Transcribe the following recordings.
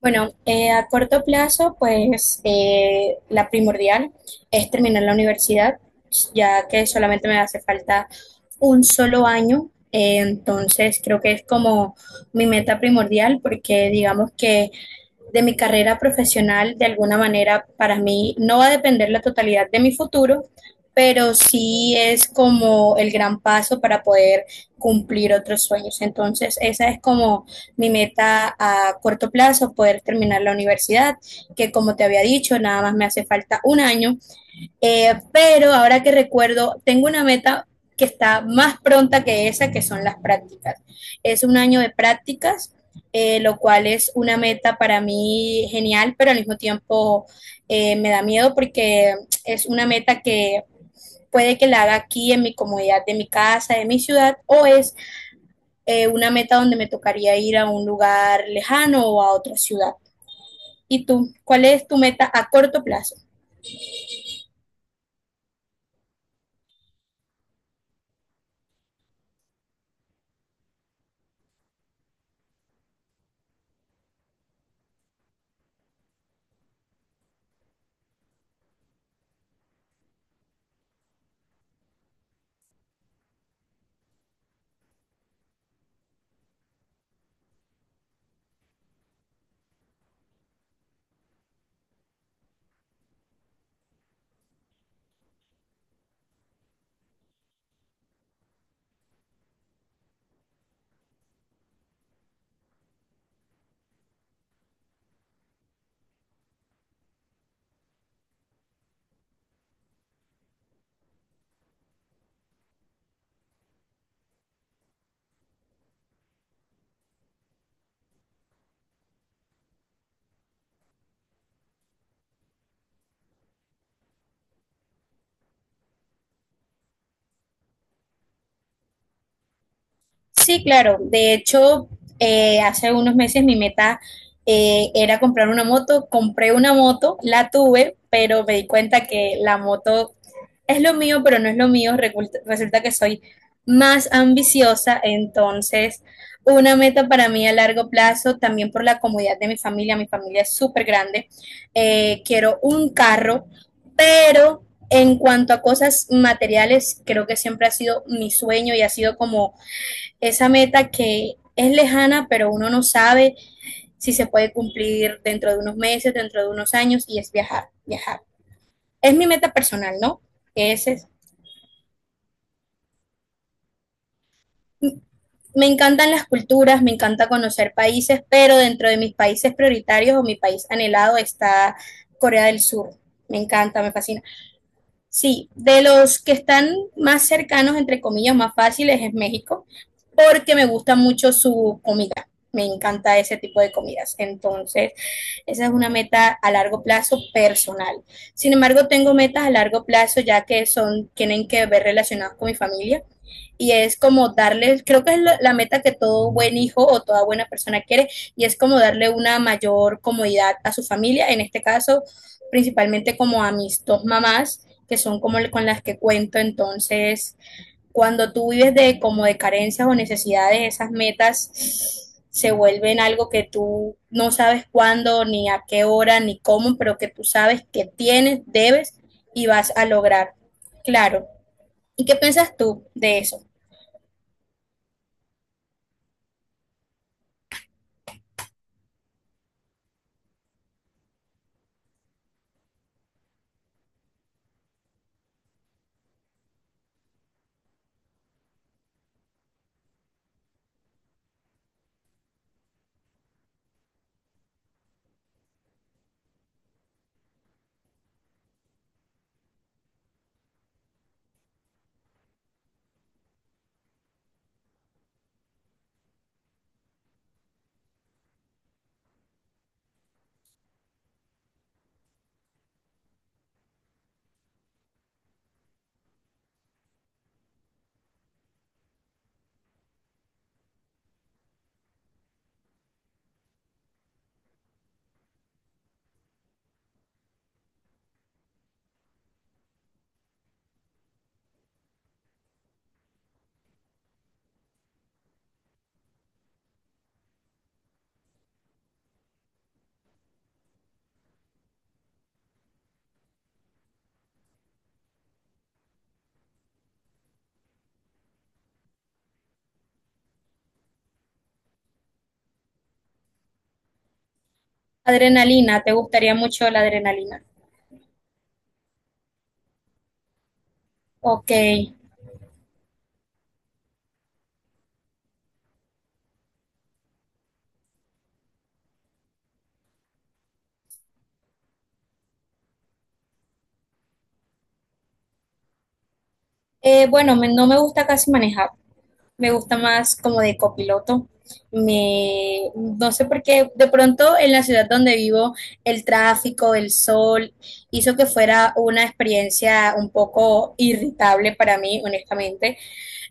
Bueno, a corto plazo, pues, la primordial es terminar la universidad, ya que solamente me hace falta un solo año. Entonces, creo que es como mi meta primordial, porque digamos que de mi carrera profesional, de alguna manera, para mí no va a depender la totalidad de mi futuro, pero sí es como el gran paso para poder cumplir otros sueños. Entonces, esa es como mi meta a corto plazo, poder terminar la universidad, que como te había dicho, nada más me hace falta un año, pero ahora que recuerdo, tengo una meta que está más pronta que esa, que son las prácticas. Es un año de prácticas, lo cual es una meta para mí genial, pero al mismo tiempo me da miedo porque es una meta que puede que la haga aquí en mi comodidad de mi casa, de mi ciudad, o es una meta donde me tocaría ir a un lugar lejano o a otra ciudad. ¿Y tú? ¿Cuál es tu meta a corto plazo? Sí, claro. De hecho, hace unos meses mi meta era comprar una moto. Compré una moto, la tuve, pero me di cuenta que la moto es lo mío, pero no es lo mío. Resulta que soy más ambiciosa, entonces una meta para mí a largo plazo, también por la comodidad de mi familia es súper grande, quiero un carro, pero en cuanto a cosas materiales, creo que siempre ha sido mi sueño y ha sido como esa meta que es lejana, pero uno no sabe si se puede cumplir dentro de unos meses, dentro de unos años, y es viajar, viajar. Es mi meta personal, ¿no? Ese es, me encantan las culturas, me encanta conocer países, pero dentro de mis países prioritarios o mi país anhelado está Corea del Sur. Me encanta, me fascina. Sí, de los que están más cercanos, entre comillas, más fáciles es México, porque me gusta mucho su comida. Me encanta ese tipo de comidas. Entonces, esa es una meta a largo plazo personal. Sin embargo, tengo metas a largo plazo ya que son, tienen que ver relacionadas con mi familia. Y es como darles, creo que es la meta que todo buen hijo o toda buena persona quiere, y es como darle una mayor comodidad a su familia, en este caso, principalmente como a mis dos mamás, que son como con las que cuento. Entonces, cuando tú vives de como de carencias o necesidades, esas metas se vuelven algo que tú no sabes cuándo, ni a qué hora, ni cómo, pero que tú sabes que tienes, debes y vas a lograr. Claro. ¿Y qué piensas tú de eso? Adrenalina, ¿te gustaría mucho la adrenalina? Ok. Bueno, me, no me gusta casi manejar. Me gusta más como de copiloto. Me, no sé por qué, de pronto en la ciudad donde vivo, el tráfico, el sol, hizo que fuera una experiencia un poco irritable para mí, honestamente,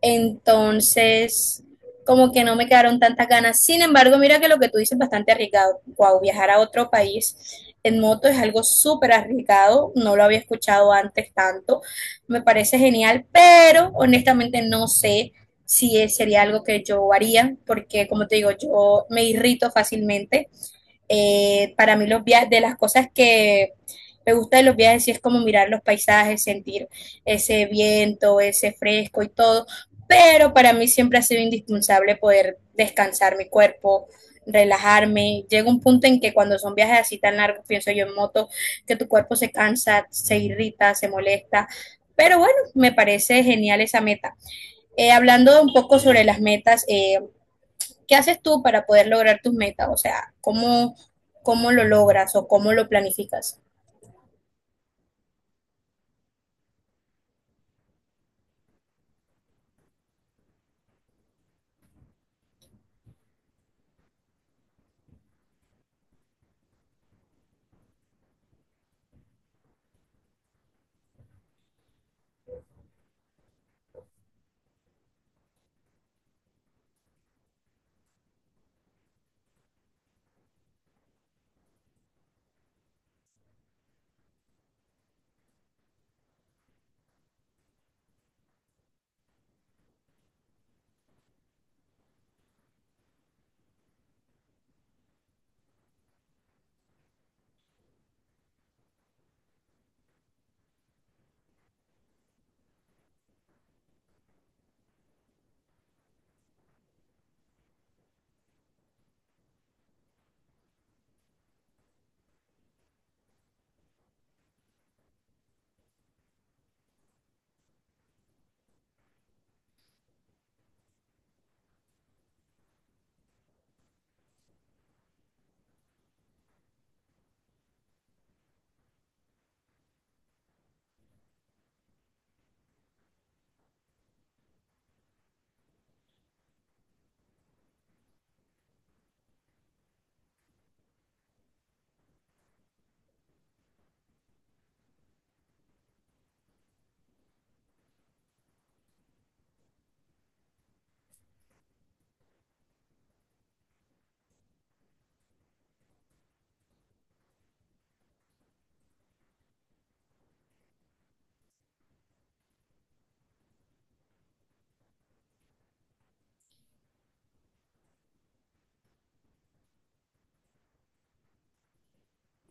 entonces, como que no me quedaron tantas ganas. Sin embargo, mira que lo que tú dices es bastante arriesgado. Wow, viajar a otro país en moto es algo súper arriesgado. No lo había escuchado antes tanto. Me parece genial, pero honestamente no sé si es- sería algo que yo haría, porque como te digo, yo me irrito fácilmente. Para mí los viajes, de las cosas que me gusta de los viajes, sí es como mirar los paisajes, sentir ese viento, ese fresco y todo, pero para mí siempre ha sido indispensable poder descansar mi cuerpo, relajarme. Llega un punto en que cuando son viajes así tan largos, pienso yo en moto, que tu cuerpo se cansa, se irrita, se molesta. Pero bueno, me parece genial esa meta. Hablando un poco sobre las metas, ¿qué haces tú para poder lograr tus metas? O sea, ¿cómo lo logras o cómo lo planificas?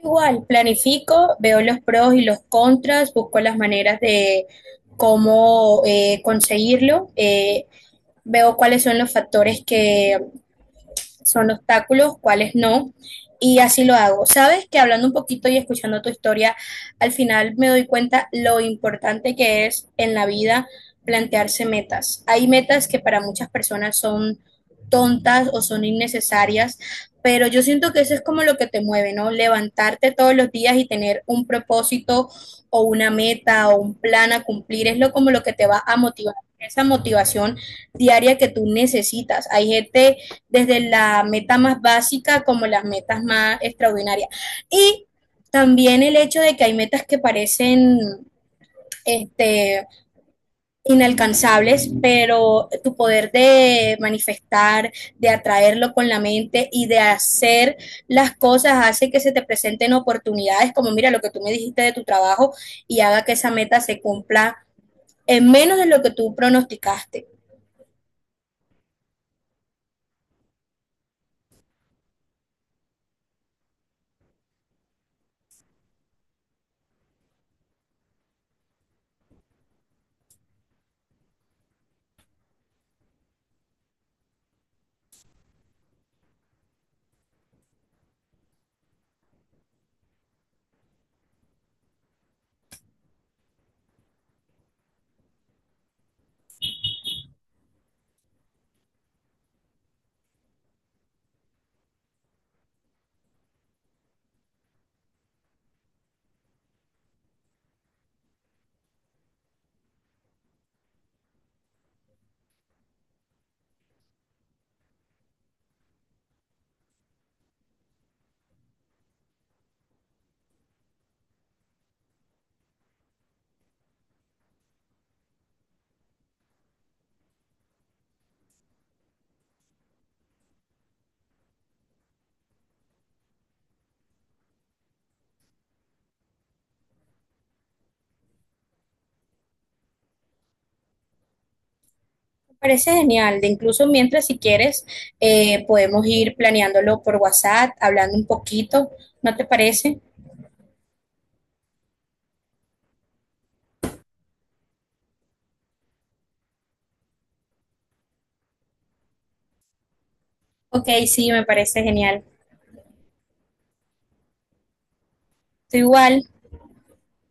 Igual, planifico, veo los pros y los contras, busco las maneras de cómo conseguirlo, veo cuáles son los factores que son obstáculos, cuáles no, y así lo hago. Sabes que hablando un poquito y escuchando tu historia, al final me doy cuenta lo importante que es en la vida plantearse metas. Hay metas que para muchas personas son tontas o son innecesarias, pero yo siento que eso es como lo que te mueve, ¿no? Levantarte todos los días y tener un propósito o una meta o un plan a cumplir es lo como lo que te va a motivar, esa motivación diaria que tú necesitas. Hay gente desde la meta más básica como las metas más extraordinarias. Y también el hecho de que hay metas que parecen este, inalcanzables, pero tu poder de manifestar, de atraerlo con la mente y de hacer las cosas hace que se te presenten oportunidades, como mira lo que tú me dijiste de tu trabajo y haga que esa meta se cumpla en menos de lo que tú pronosticaste. Parece genial, de incluso mientras si quieres podemos ir planeándolo por WhatsApp, hablando un poquito, ¿no te parece? Ok, sí, me parece genial. Tú igual.